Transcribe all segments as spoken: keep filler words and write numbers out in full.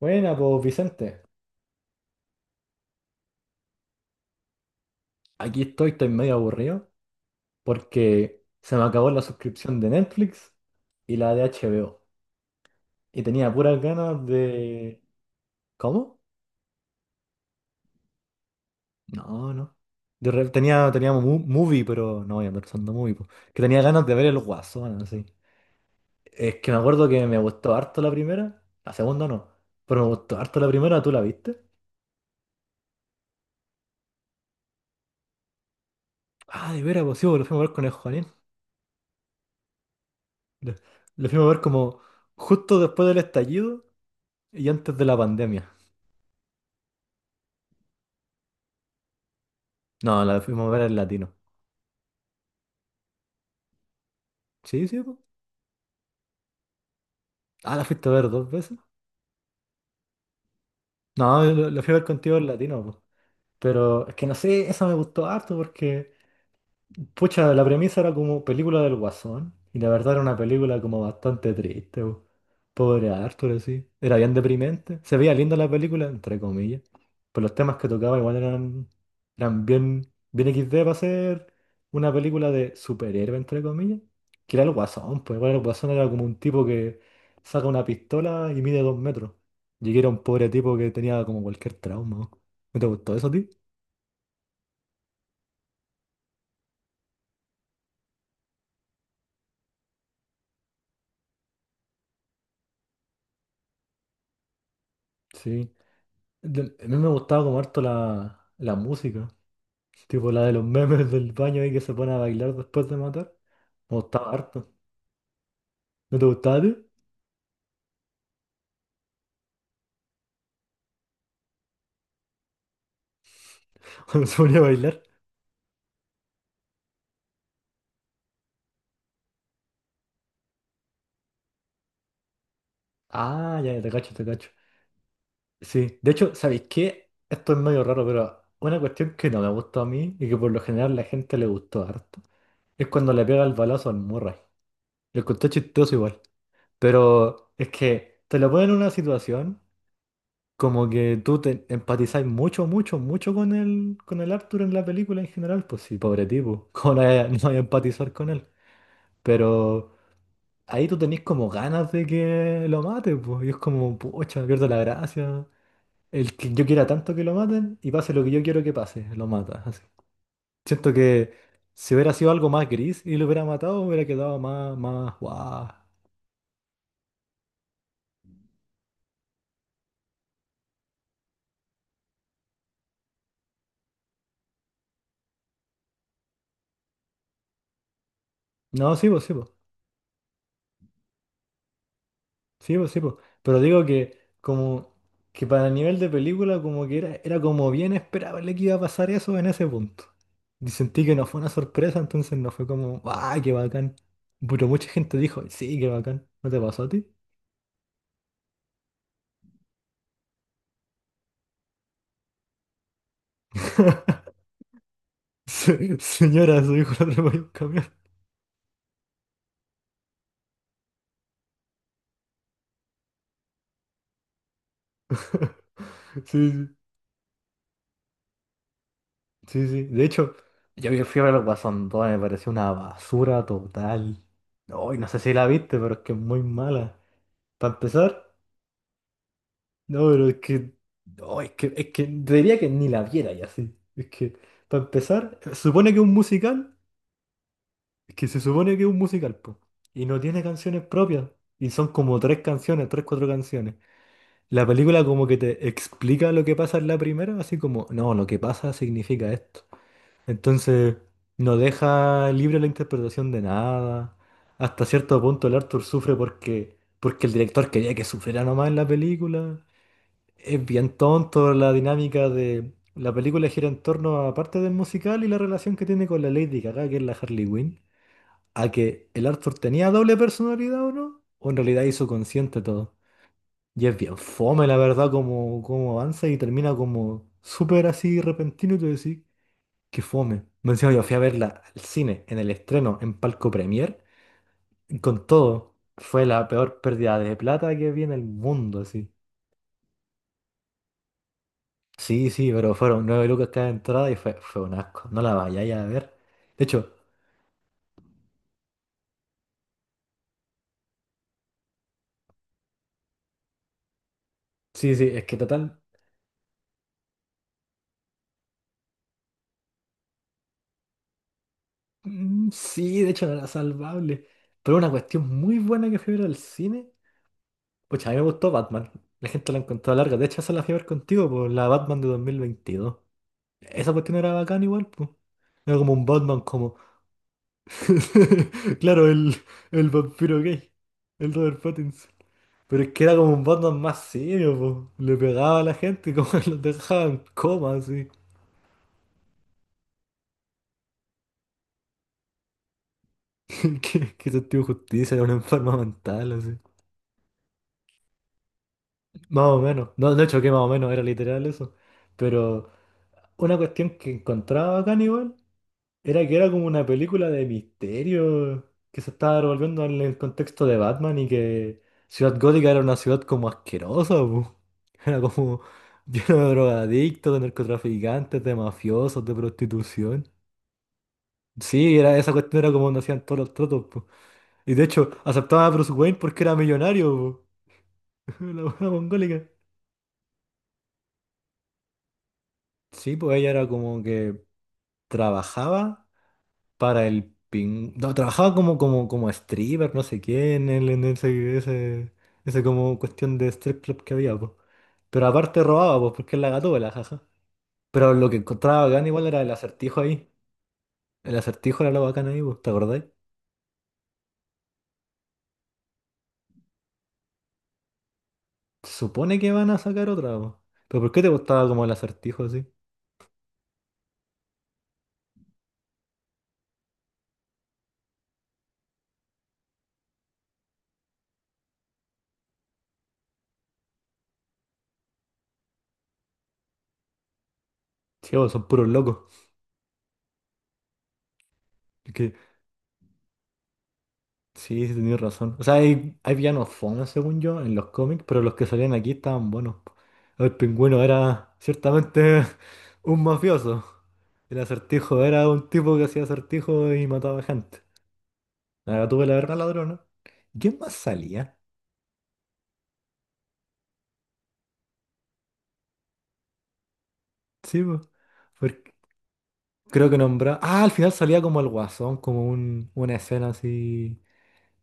Buena, pues Vicente, aquí estoy, estoy medio aburrido porque se me acabó la suscripción de Netflix y la de H B O. Y tenía puras ganas de... ¿Cómo? No, no. De re- Tenía, tenía mu- movie, pero no voy a pensando movie, po. Que tenía ganas de ver el Guasón, así. Es que me acuerdo que me gustó harto la primera, la segunda no, pero me gustó harto la primera, ¿tú la viste? Ah, de veras, pues sí, pues, lo fuimos a ver con el Juanín. Lo lo fuimos a ver como justo después del estallido y antes de la pandemia. No, la fuimos a ver en latino. Sí, sí, po. Ah, la fuiste a ver dos veces. No, yo la la fui a ver contigo en latino, po. Pero es que no sé, esa me gustó harto porque pucha, la premisa era como película del Guasón, y la verdad era una película como bastante triste, po. Pobre Arthur, así. Era bien deprimente. Se veía linda la película, entre comillas. Pero los temas que tocaba igual eran, eran bien, bien X D para ser una película de superhéroe, entre comillas. Que era el Guasón, pues igual el Guasón era como un tipo que saca una pistola y mide dos metros. Y que era un pobre tipo que tenía como cualquier trauma. ¿No ¿No te gustó eso a ti? Sí. Del- a mí me gustaba como harto la, la música. Tipo la de los memes del baño ahí que se pone a bailar después de matar. Me gustaba harto. ¿No te gustaba a ti? Cuando se ponía a bailar. Ah, ya, ya te cacho, te cacho. Sí. De hecho, ¿sabéis qué? Esto es medio raro, pero una cuestión que no me gustó a mí y que por lo general la gente le gustó harto es cuando le pega el balazo al Murray. Lo encontré chistoso igual. Pero es que te lo ponen en una situación. Como que tú te empatizás mucho, mucho, mucho con el, con el Arthur en la película en general, pues sí, pobre tipo, ¿cómo no hay- no hay empatizar con él? Pero ahí tú tenés como ganas de que lo maten, pues, y es como, pucha, pierdo la gracia. El que yo quiera tanto que lo maten y pase lo que yo quiero que pase, lo mata, así. Siento que si hubiera sido algo más gris y lo hubiera matado, hubiera quedado más, más, guau. No, sí, pues sí, pues. Sí, pues sí, pues. Pero digo que como que para el nivel de película como que era, era como bien esperable que iba a pasar eso en ese punto. Y sentí que no fue una sorpresa, entonces no fue como, ¡ah, qué bacán! Pero mucha gente dijo, sí, qué bacán. ¿No te pasó a ti? Se- Señora, su hijo lo atropelló un camión. Sí, sí, sí, sí. De hecho, yo vi- fui a ver el Guasón dos, me pareció una basura total. No, y no sé si la viste, pero es que es muy mala. Para empezar. No, pero es que. No, es que, es que te diría que ni la viera ya, así. Es que, para empezar, se supone que es un musical. Es que se supone que es un musical, po. Y no tiene canciones propias. Y son como tres canciones, tres, cuatro canciones. La película como que te explica lo que pasa en la primera, así como, no, lo que pasa significa esto. Entonces, no deja libre la interpretación de nada. Hasta cierto punto el Arthur sufre porque, porque el director quería que sufriera nomás en la película. Es bien tonto la dinámica de... La película gira en torno a parte del musical y la relación que tiene con la Lady Gaga, que es la Harley Quinn, a que el Arthur tenía doble personalidad o no, o en realidad hizo consciente todo. Y es bien fome, la verdad, como, como avanza y termina como súper así repentino y tú decís, qué fome. Me encima yo fui a verla al cine, en el estreno, en Palco Premier, y con todo. Fue la peor pérdida de plata que vi en el mundo, así. Sí, sí, pero fueron nueve lucas cada entrada y fue, fue un asco. No la vayáis a ver. De hecho, sí, sí, es que total. Mm, sí, de hecho no era salvable. Pero una cuestión muy buena que fui a ver al cine. Pucha, a mí me gustó Batman. La gente la encontró larga. De hecho, esa la fui a ver contigo, por la Batman de dos mil veintidós. Esa cuestión era bacán igual, pues. Era como un Batman, como. Claro, el, el vampiro gay. El Robert Pattinson. Pero es que era como un Batman más serio, po. Le pegaba a la gente, como que los dejaba en coma, así. ¿Qué, qué sentido de justicia, era una enferma mental, así. Más o menos. No, de hecho, que más o menos era literal eso. Pero una cuestión que encontraba acá igual era que era como una película de misterio que se estaba revolviendo en el contexto de Batman y que Ciudad Gótica era una ciudad como asquerosa, po. Era como lleno de drogadictos, de narcotraficantes, de mafiosos, de prostitución. Sí, era, esa cuestión era como donde hacían todos los tratos, po. Y de hecho, aceptaba a Bruce Wayne porque era millonario, po. La buena mongólica. Sí, pues ella era como que trabajaba para el ping... No, trabajaba como, como, como stripper, no sé quién, en, el- en ese, ese, ese como cuestión de strip club que había, pues. Pero aparte robaba, pues, porque es la gatúbela, jaja. Pero lo que encontraba bacán igual era el acertijo ahí. El acertijo era lo bacán ahí, pues, ¿te acordáis? Se supone que van a sacar otra, pues. ¿Pero por qué te gustaba como el acertijo así? Sí, o son puros locos. Es que, sí, sí, tenías razón. O sea, hay, hay villanos fome, según yo, en los cómics, pero los que salían aquí estaban buenos. El pingüino era ciertamente un mafioso. El acertijo era un tipo que hacía acertijos y mataba gente. La tuve la una ladrona. ¿Quién más salía? Sí, po. Porque creo que nombraba. Ah, al final salía como el guasón, como un, una escena así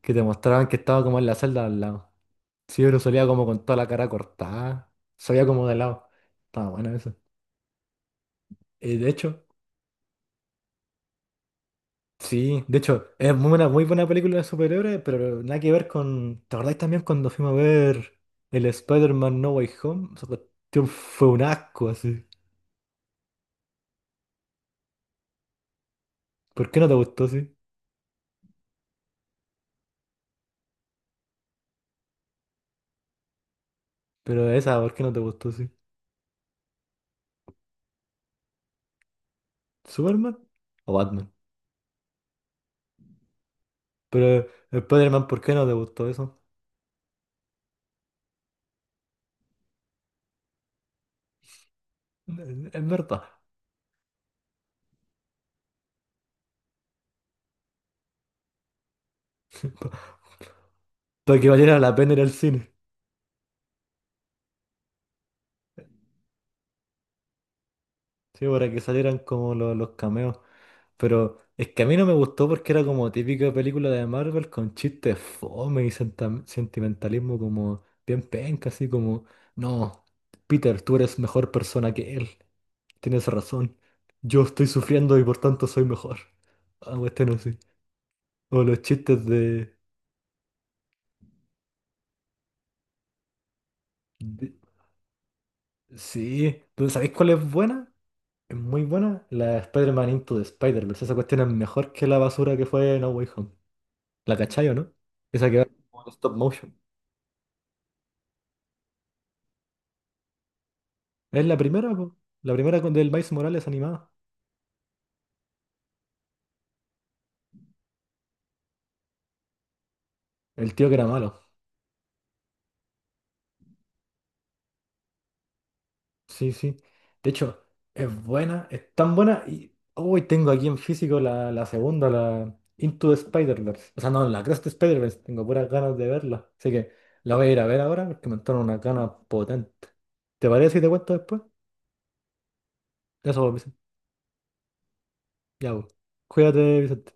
que te mostraban que estaba como en la celda al lado. Sí, pero salía como con toda la cara cortada. Salía como de lado. Estaba bueno eso. Eh, de hecho, sí, de hecho, es muy buena, muy buena película de superhéroes, pero nada que ver con. ¿Te acordáis también cuando fuimos a ver el Spider-Man No Way Home? Esa cuestión fue un asco así. ¿Por qué no te gustó así? Pero esa, ¿por qué no te gustó así? ¿Superman o Batman? Pero Spider-Man, ¿por qué no te gustó eso? Es es verdad. Para que valiera la pena ir al cine. Sí, para que salieran como lo- los, cameos. Pero es que a mí no me gustó porque era como típica película de Marvel con chistes fome y senta- sentimentalismo como bien penca, así como, no, Peter, tú eres mejor persona que él, tienes razón, yo estoy sufriendo y por tanto soy mejor. Ah, este no sé. O los chistes de... de- Sí, ¿tú sabéis cuál es buena? Es muy buena. La Spider-Man Into the Spider-Verse. Esa cuestión es mejor que la basura que fue No Way Home. ¿La cachai o no? Esa que va como en stop motion. Es la primera, po. La primera con- del Miles Morales animada. El tío que era malo. Sí, sí. De hecho, es buena, es tan buena. Y hoy tengo aquí en físico la, la segunda, la Into the Spider-Verse. O sea, no, la Cross the Spider-Verse. Tengo puras ganas de verla. Así que la voy a ir a ver ahora porque me entraron unas ganas potentes. ¿Te parece si te cuento después? Eso, Vicente. Ya, po. Cuídate, Vicente.